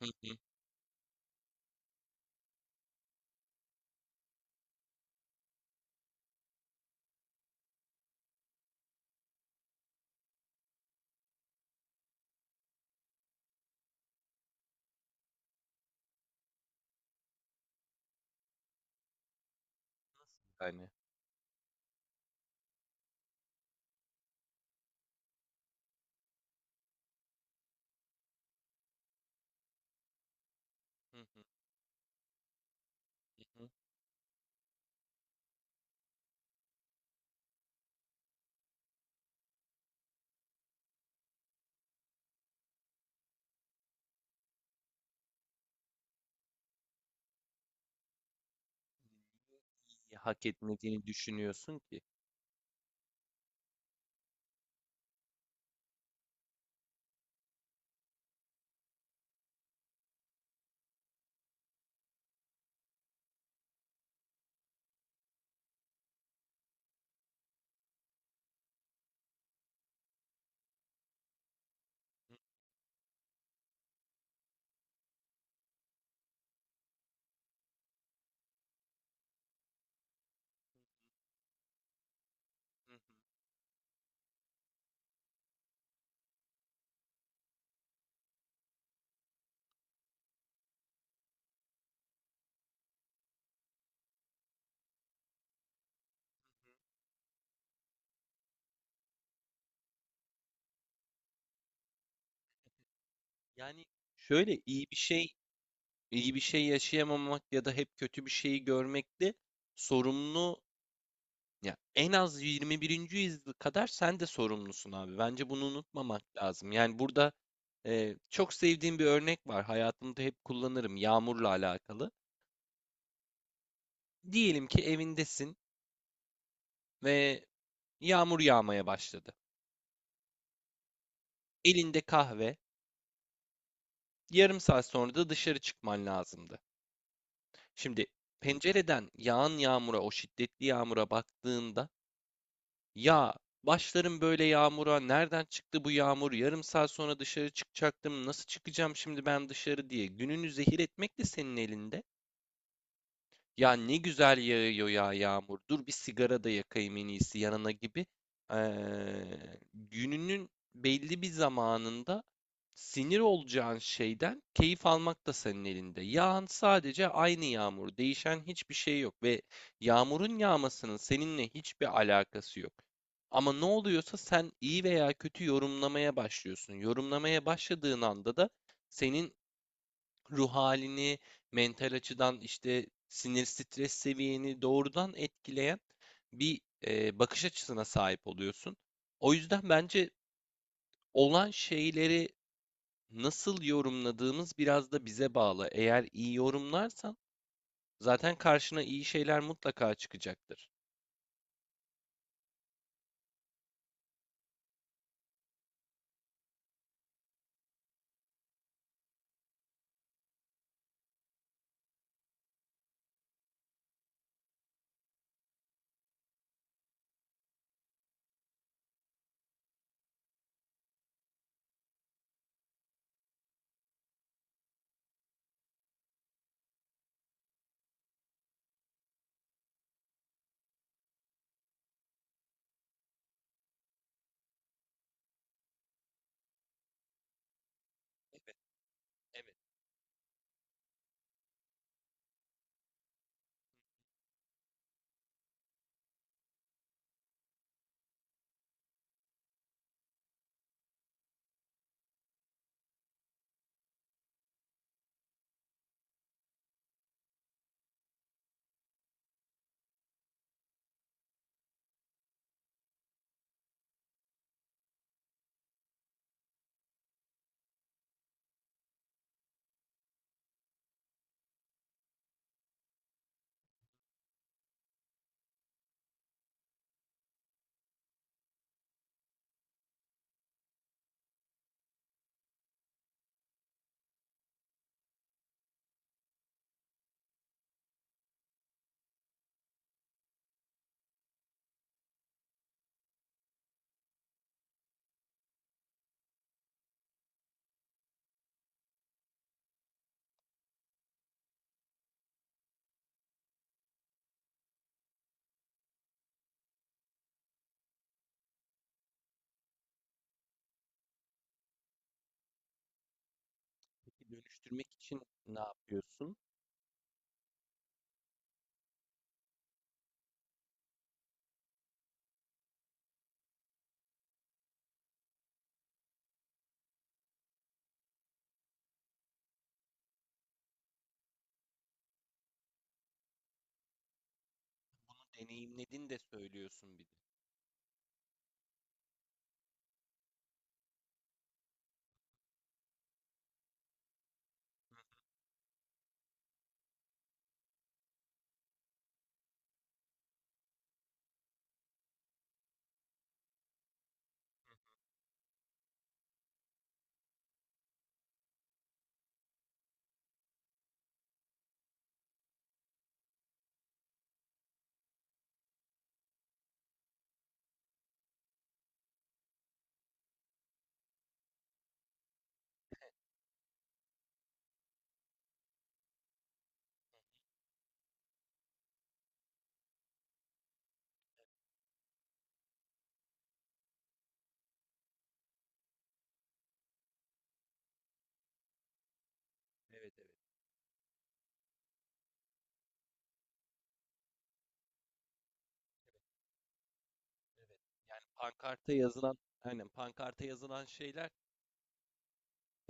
Hı hı. Nasıl yani? Hı hı. Hı hı. Niye hak etmediğini düşünüyorsun ki? Hı hı. Hı hı. Yani, şöyle iyi bir şey, iyi bir şey yaşayamamak ya da hep kötü bir şeyi görmekte sorumlu, ya en az 21. yüzyıl kadar sen de sorumlusun abi. Bence bunu unutmamak lazım. Yani burada çok sevdiğim bir örnek var. Hayatımda hep kullanırım yağmurla alakalı. Diyelim ki evindesin ve yağmur yağmaya başladı. Elinde kahve. Yarım saat sonra da dışarı çıkman lazımdı. Şimdi pencereden yağan yağmura, o şiddetli yağmura baktığında, ya başlarım böyle yağmura, nereden çıktı bu yağmur? Yarım saat sonra dışarı çıkacaktım. Nasıl çıkacağım şimdi ben dışarı diye gününü zehir etmek de senin elinde. Ya ne güzel yağıyor ya yağmur. Dur bir sigara da yakayım en iyisi yanına gibi. Gününün belli bir zamanında sinir olacağın şeyden keyif almak da senin elinde. Yağan sadece aynı yağmur. Değişen hiçbir şey yok ve yağmurun yağmasının seninle hiçbir alakası yok. Ama ne oluyorsa sen iyi veya kötü yorumlamaya başlıyorsun. Yorumlamaya başladığın anda da senin ruh halini, mental açıdan işte sinir stres seviyeni doğrudan etkileyen bir bakış açısına sahip oluyorsun. O yüzden bence olan şeyleri nasıl yorumladığımız biraz da bize bağlı. Eğer iyi yorumlarsan zaten karşına iyi şeyler mutlaka çıkacaktır. Evet, peki dönüştürmek için ne yapıyorsun? Deneyimledin de söylüyorsun bir de. Evet, evet, evet. Yani pankarta yazılan, aynen pankarta yazılan şeyler,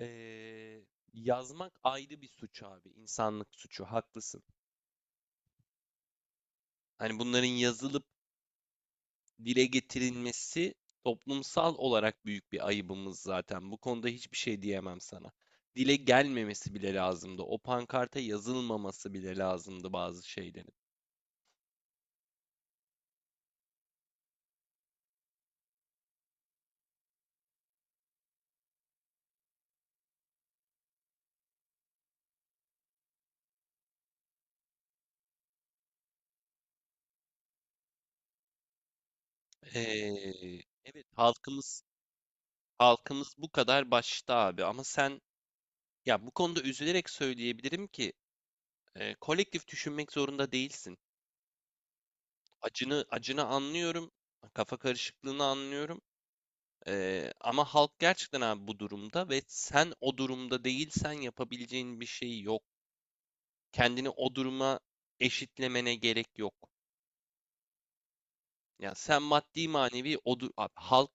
Ee, yazmak ayrı bir suç abi. İnsanlık suçu. Haklısın. Hani bunların yazılıp dile getirilmesi toplumsal olarak büyük bir ayıbımız zaten. Bu konuda hiçbir şey diyemem sana. Dile gelmemesi bile lazımdı. O pankarta yazılmaması bile lazımdı bazı şeylerin. Ee, evet, halkımız halkımız bu kadar başta abi, ama sen, ya bu konuda üzülerek söyleyebilirim ki kolektif düşünmek zorunda değilsin. Acını acını anlıyorum. Kafa karışıklığını anlıyorum. Ama halk gerçekten abi bu durumda ve sen o durumda değilsen yapabileceğin bir şey yok. Kendini o duruma eşitlemene gerek yok. Ya sen maddi manevi abi halk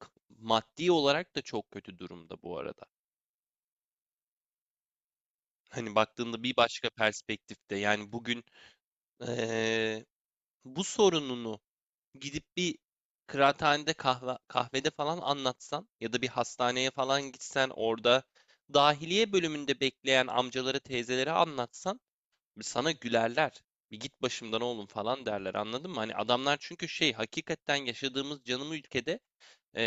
maddi olarak da çok kötü durumda bu arada. Hani baktığında bir başka perspektifte, yani bugün ee, bu sorununu gidip bir kıraathanede kahve, kahvede falan anlatsan ya da bir hastaneye falan gitsen, orada dahiliye bölümünde bekleyen amcaları teyzelere anlatsan sana gülerler. Bir git başımdan oğlum falan derler, anladın mı? Hani adamlar çünkü şey, hakikaten yaşadığımız canım ülkede ee,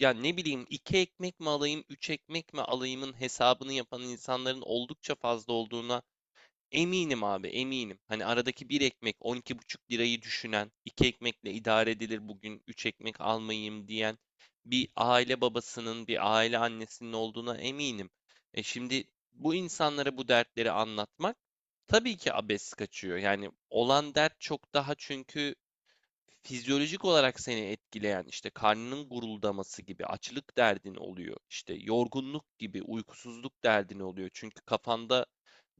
ya ne bileyim, iki ekmek mi alayım üç ekmek mi alayımın hesabını yapan insanların oldukça fazla olduğuna eminim abi, eminim. Hani aradaki bir ekmek 12,5 lirayı düşünen, iki ekmekle idare edilir bugün, üç ekmek almayayım diyen bir aile babasının, bir aile annesinin olduğuna eminim. E şimdi bu insanlara bu dertleri anlatmak tabii ki abes kaçıyor. Yani olan dert çok daha, çünkü fizyolojik olarak seni etkileyen işte karnının guruldaması gibi açlık derdin oluyor. İşte yorgunluk gibi uykusuzluk derdin oluyor. Çünkü kafanda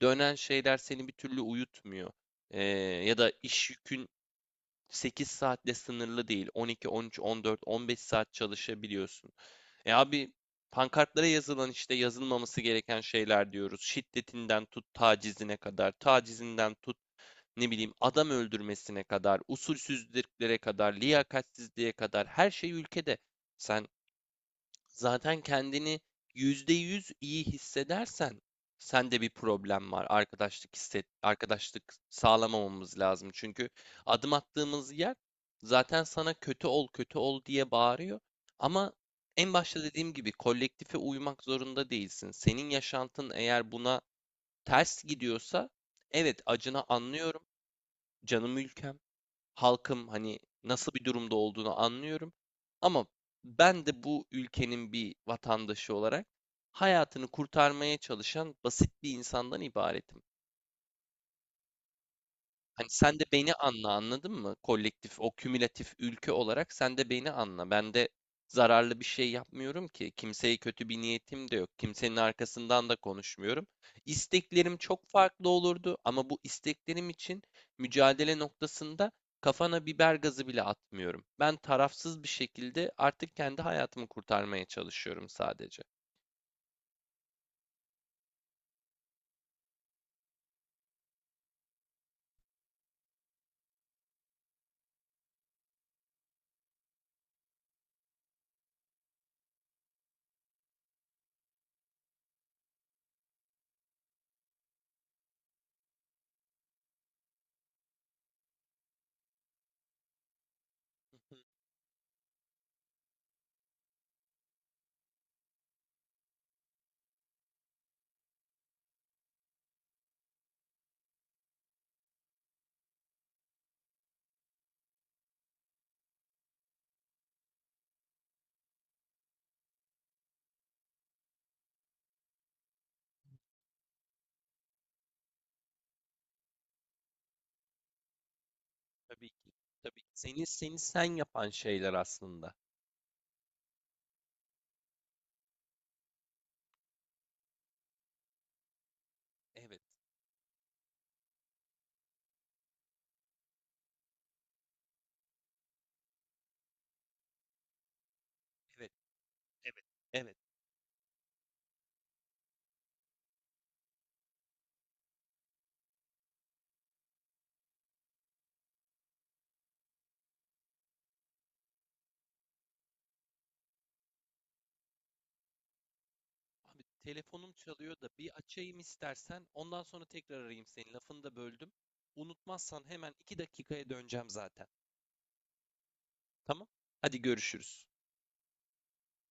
dönen şeyler seni bir türlü uyutmuyor. Ee, Ya da iş yükün 8 saatle sınırlı değil. On, on iki, on üç, on dört, on beş saat çalışabiliyorsun. E abi, pankartlara yazılan işte yazılmaması gereken şeyler diyoruz. Şiddetinden tut tacizine kadar, tacizinden tut ne bileyim adam öldürmesine kadar, usulsüzlüklere kadar, liyakatsizliğe kadar her şey ülkede. Sen zaten kendini %100 iyi hissedersen sende bir problem var. Arkadaşlık hisset, arkadaşlık sağlamamamız lazım. Çünkü adım attığımız yer zaten sana kötü ol, kötü ol diye bağırıyor. Ama en başta dediğim gibi kolektife uymak zorunda değilsin. Senin yaşantın eğer buna ters gidiyorsa, evet, acına anlıyorum. Canım ülkem, halkım, hani nasıl bir durumda olduğunu anlıyorum. Ama ben de bu ülkenin bir vatandaşı olarak hayatını kurtarmaya çalışan basit bir insandan ibaretim. Hani sen de beni anla, anladın mı? Kolektif, o kümülatif ülke olarak sen de beni anla. Ben de zararlı bir şey yapmıyorum ki. Kimseye kötü bir niyetim de yok. Kimsenin arkasından da konuşmuyorum. İsteklerim çok farklı olurdu ama bu isteklerim için mücadele noktasında kafana biber gazı bile atmıyorum. Ben tarafsız bir şekilde artık kendi hayatımı kurtarmaya çalışıyorum sadece. Hı. Tabii ki, tabii ki. Seni seni sen yapan şeyler aslında. Evet, evet, evet, evet. Abi telefonum çalıyor da bir açayım istersen. Ondan sonra tekrar arayayım seni. Lafını da böldüm. Unutmazsan hemen iki dakikaya döneceğim zaten. Tamam? Hadi görüşürüz.